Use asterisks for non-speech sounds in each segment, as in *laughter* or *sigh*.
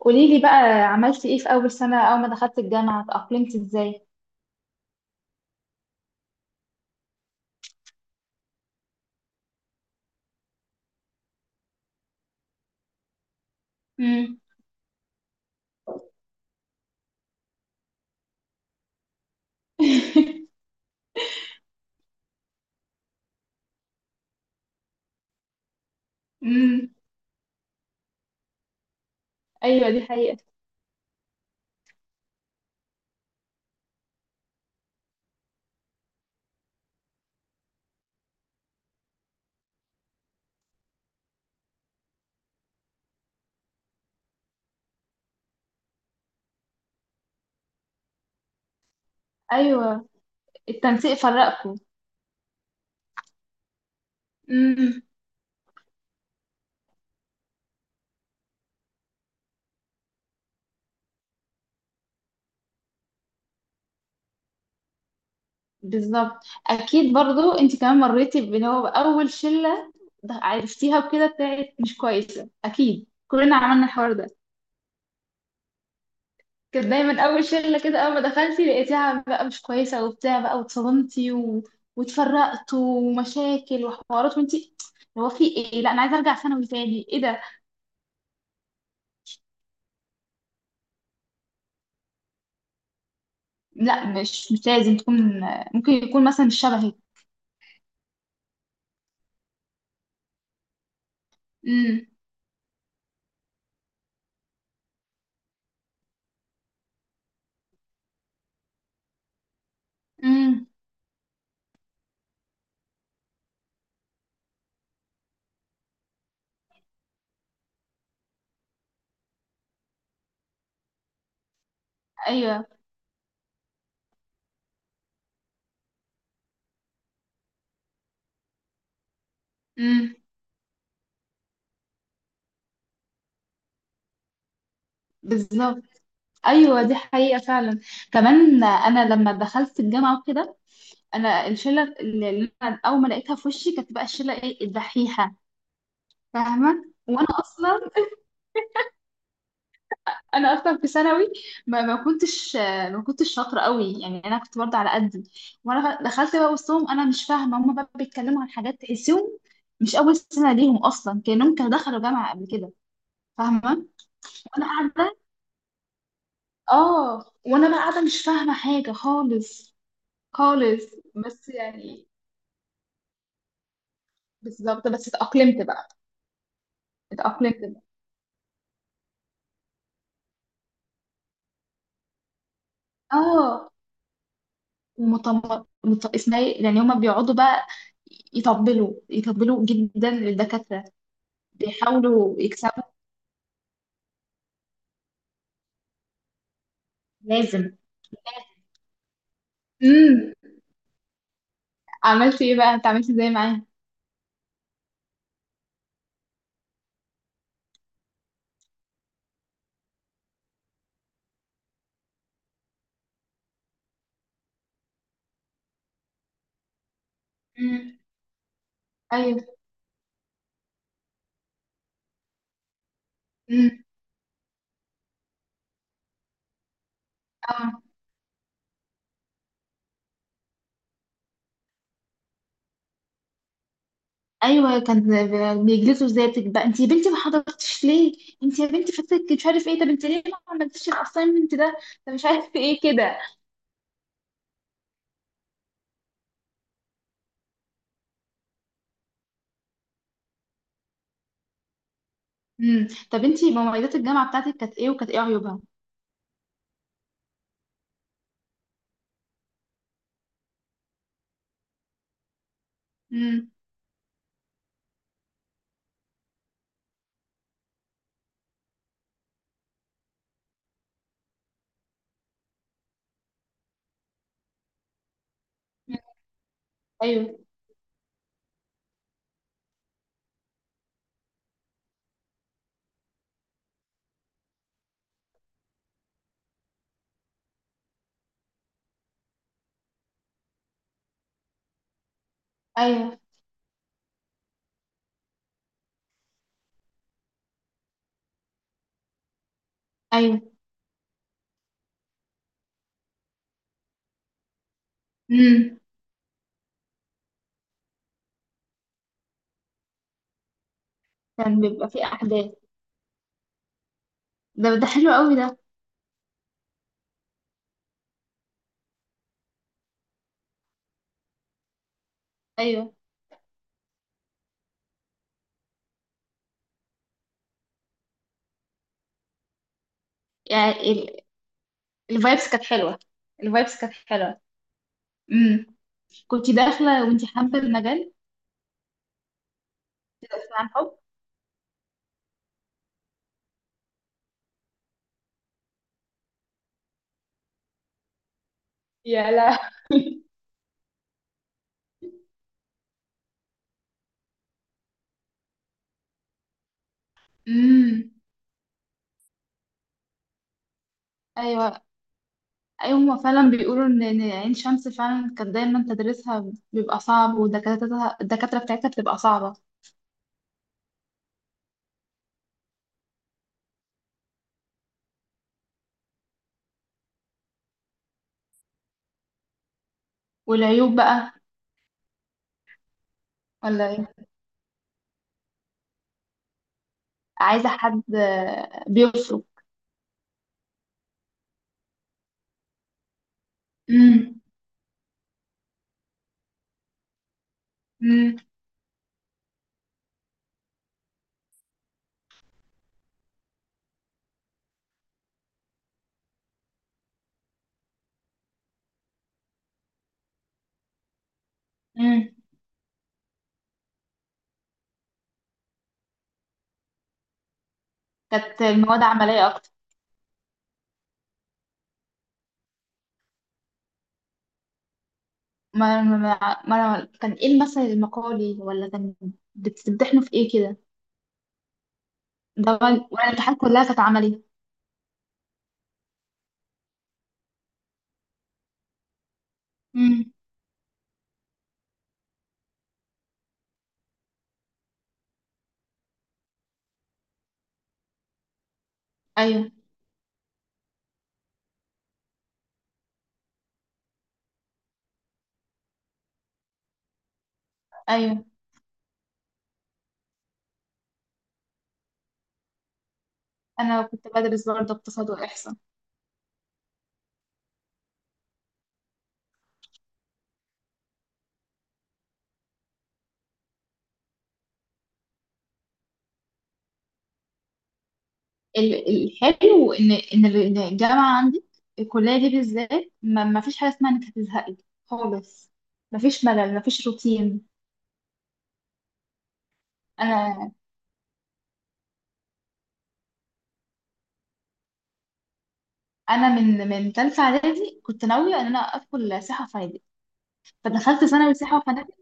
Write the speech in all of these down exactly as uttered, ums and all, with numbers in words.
قولي لي بقى، عملتي ايه في اول سنة؟ اول ما دخلت الجامعة اتأقلمتي ازاي؟ امم. *laughs* امم. ايوه دي حقيقة. ايوه، التنسيق فرقكم. امم. بالظبط. اكيد برضو انت كمان مريتي اللي هو اول شلة عرفتيها وكده بتاعت مش كويسة، اكيد كلنا عملنا الحوار ده. كانت دايما اول شله كده، اول ما دخلتي لقيتيها بقى مش كويسه وبتاع بقى واتصدمتي و... واتفرقتوا ومشاكل وحوارات، وانتي هو في ايه؟ لا انا عايزه ارجع ثانوي تاني، ايه ده؟ لا، مش مش لازم تكون. ممكن يكون مثلا مش شبهي. امم. امم. ايوه. امم. بالظبط. ايوه دي حقيقه فعلا. كمان انا لما دخلت الجامعه وكده، انا الشله اللي اللي انا اول ما لقيتها في وشي كانت بقى الشله ايه، الدحيحه. فاهمه، وانا اصلا، انا اصلا في ثانوي ما ما كنتش، ما كنتش شاطره قوي، يعني انا كنت برضه على قدي. وانا دخلت بقى وسطهم، انا مش فاهمه، هم بقى بيتكلموا عن حاجات تحسهم مش اول سنه ليهم اصلا، كانهم كانوا دخلوا جامعه قبل كده. فاهمه، وانا قاعده. اه، وانا بقى قاعده مش فاهمه حاجه خالص. خالص. بس يعني، بالظبط، بس اتاقلمت بقى. اتاقلمت بقى. اه، ومطم، مط- اسمها إيه؟ يعني هما بيقعدوا بقى يطبلوا، يطبلوا جدا للدكاتره. بيحاولوا يكسبوا، لازم. امم. عملت ايه بقى انت؟ عملت ازاي معاه؟ مم. ايوه. امم. اه. ايوه، كان ب- بيجلسوا ازاي بقى، انت يا بنتي ما حضرتش ليه؟ انت يا بنتي فاتك مش عارف ايه، طب انت ليه ما عملتيش الاساينمنت ده؟ طب مش عارف ايه كده. امم. طب انت مميزات الجامعه بتاعتك كانت ايه، وكانت ايه عيوبها؟ امم. ايوه. ايوه. ايوه. امم. كان بيبقى فيه احداث، ده ده حلو قوي ده. ايوه يعني، الفايبس كانت حلوه. الفايبس كانت حلوه. امم. كنت داخله وانتي حابه المجال؟ بس عن حب. يا لا. امم. ايوه. ايوه هما فعلا بيقولوا ان إن عين شمس فعلا كانت دايما تدريسها بيبقى صعب، ودكاترتها الدكاتره بتاعتها بتبقى صعبه. والعيوب بقى؟ ولا ايه؟ عايزه حد آه، بيفرق. امم. امم. امم. كانت المواد عمليه اكتر؟ ما ما ما ما- كان ايه المثل المقالي، ولا كان بتمتحنوا في ايه كده؟ ده، ولا الامتحانات كلها كانت عملي؟ امم. ايوه. ايوه. انا كنت بدرس برضه اقتصاد واحصاء. ال- الحلو ان ان ال- إن الجامعه عندي، الكليه دي بالذات ما ما فيش حاجه اسمها انك هتزهقي خالص. ما فيش ملل، ما فيش روتين. انا، انا من من ثالثه اعدادي كنت ناويه ان انا ادخل سياحه وفنادق. فدخلت ثانوي سياحه وفنادق.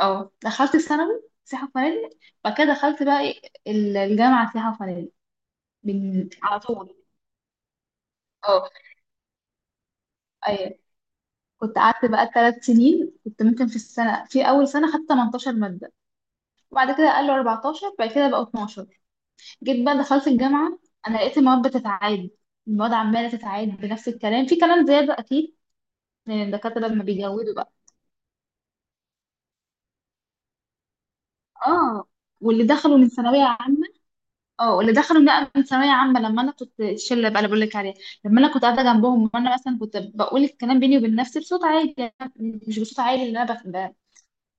اه، دخلت ثانوي سياحه وفنادق. بعد كده دخلت بقى إيه، ال- الجامعه سياحه وفنادق. من على طول. اه. ايوه. كنت قعدت بقى ثلاث سنين. كنت ممكن في السنه، في اول سنه خدت تمنتاشر ماده، وبعد كده قالوا اربعتاشر، بعد كده بقوا اتناشر. جيت بقى دخلت الجامعة، أنا لقيت المواد بتتعاد، المواد عمالة تتعاد بنفس الكلام، في كلام زيادة أكيد من الدكاترة لما بيجودوا بقى. اه، واللي دخلوا من ثانوية عامة، اه واللي دخلوا بقى من ثانوية عامة، لما أنا كنت الشلة بقى اللي بقول لك عليها، لما أنا كنت قاعدة جنبهم وأنا مثلا كنت بقول الكلام بيني وبين نفسي بصوت عالي، يعني مش بصوت عالي، اللي أنا بف- ب-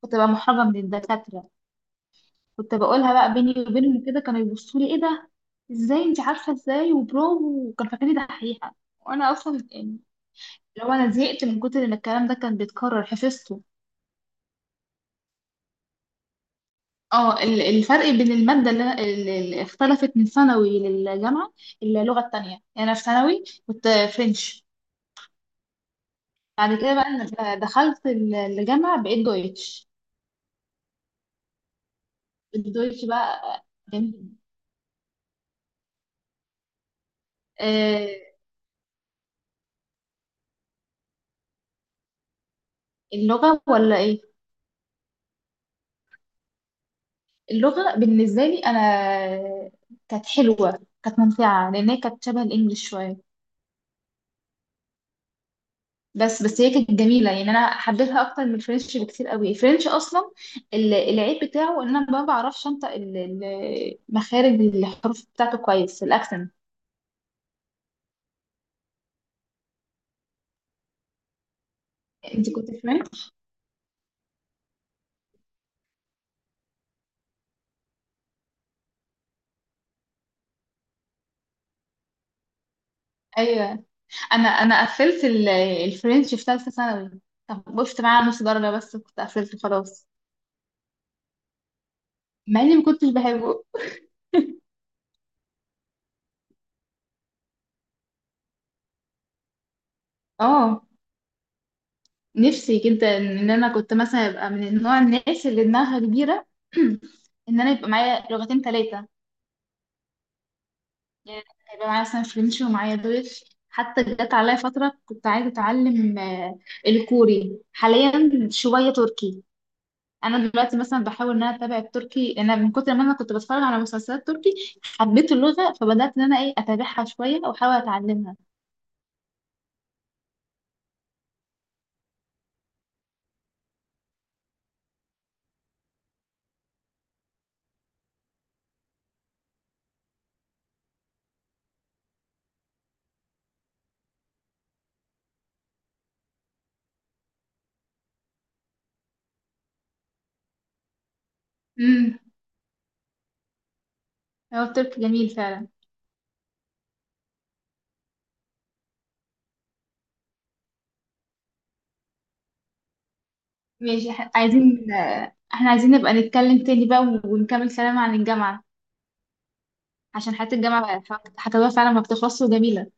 كنت بقى محرجة من الدكاترة. كنت بقولها بقى بيني وبينهم كده، كانوا يبصوا لي ايه ده، ازاي انت عارفه ازاي، وبرافو، وكان فاكرني دحيحه وانا اصلا يعني، لو انا زهقت من كتر ان الكلام ده كان بيتكرر حفظته. اه، ال- الفرق بين الماده اللي, أنا- اللي اللي اختلفت من ثانوي للجامعه، اللغه التانية. يعني انا في ثانوي كنت فرنش. بعد كده بقى أنا دخلت ال- الجامعه بقيت دويتش. الدويتش بقى، جميل. آه، اللغه ولا ايه؟ اللغة بالنسبة لي أنا كانت حلوة، كانت ممتعة، لأن هي كانت شبه الإنجليش شوية. بس بس هي كانت جميلة، يعني أنا حبيتها أكتر من الفرنش بكتير قوي. الفرنش أصلا، ال- العيب بتاعه إن أنا ما بعرفش أنطق ال- ال- مخارج الحروف بتاعته كويس، الأكسنت. أنت كنت فرنش؟ أيوه. أنا أنا قفلت ال- الفرنش في ثالثة ثانوي، طب وقفت معاه على نص درجة بس كنت قفلت خلاص. مع إني ما كنتش بحبه. اه، نفسي جدا ان انا كنت مثلا ابقى من النوع، الناس اللي دماغها كبيره. *clears throat* ان انا يبقى معايا لغتين، ثلاثه يعني. يبقى معايا مثلا فرنش ومعايا دويتش، حتى جت عليا فتره كنت عايزه اتعلم آه، الكوري، حاليا شويه تركي. انا دلوقتي مثلا بحاول ان انا اتابع التركي، انا من كتر ما انا كنت بتفرج على مسلسلات تركي حبيت اللغه، فبدات ان انا ايه اتابعها شويه واحاول اتعلمها. امم. هو التركي جميل فعلا. ماشي، إح- عايزين آه، احنا عايزين نبقى نتكلم تاني بقى ونكمل كلام عن الجامعة، عشان حياة الجامعة بقى- حك- حكاويها فعلا ما بتخلصش وجميلة.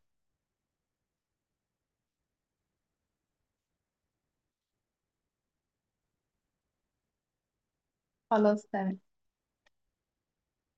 خلاص تمام.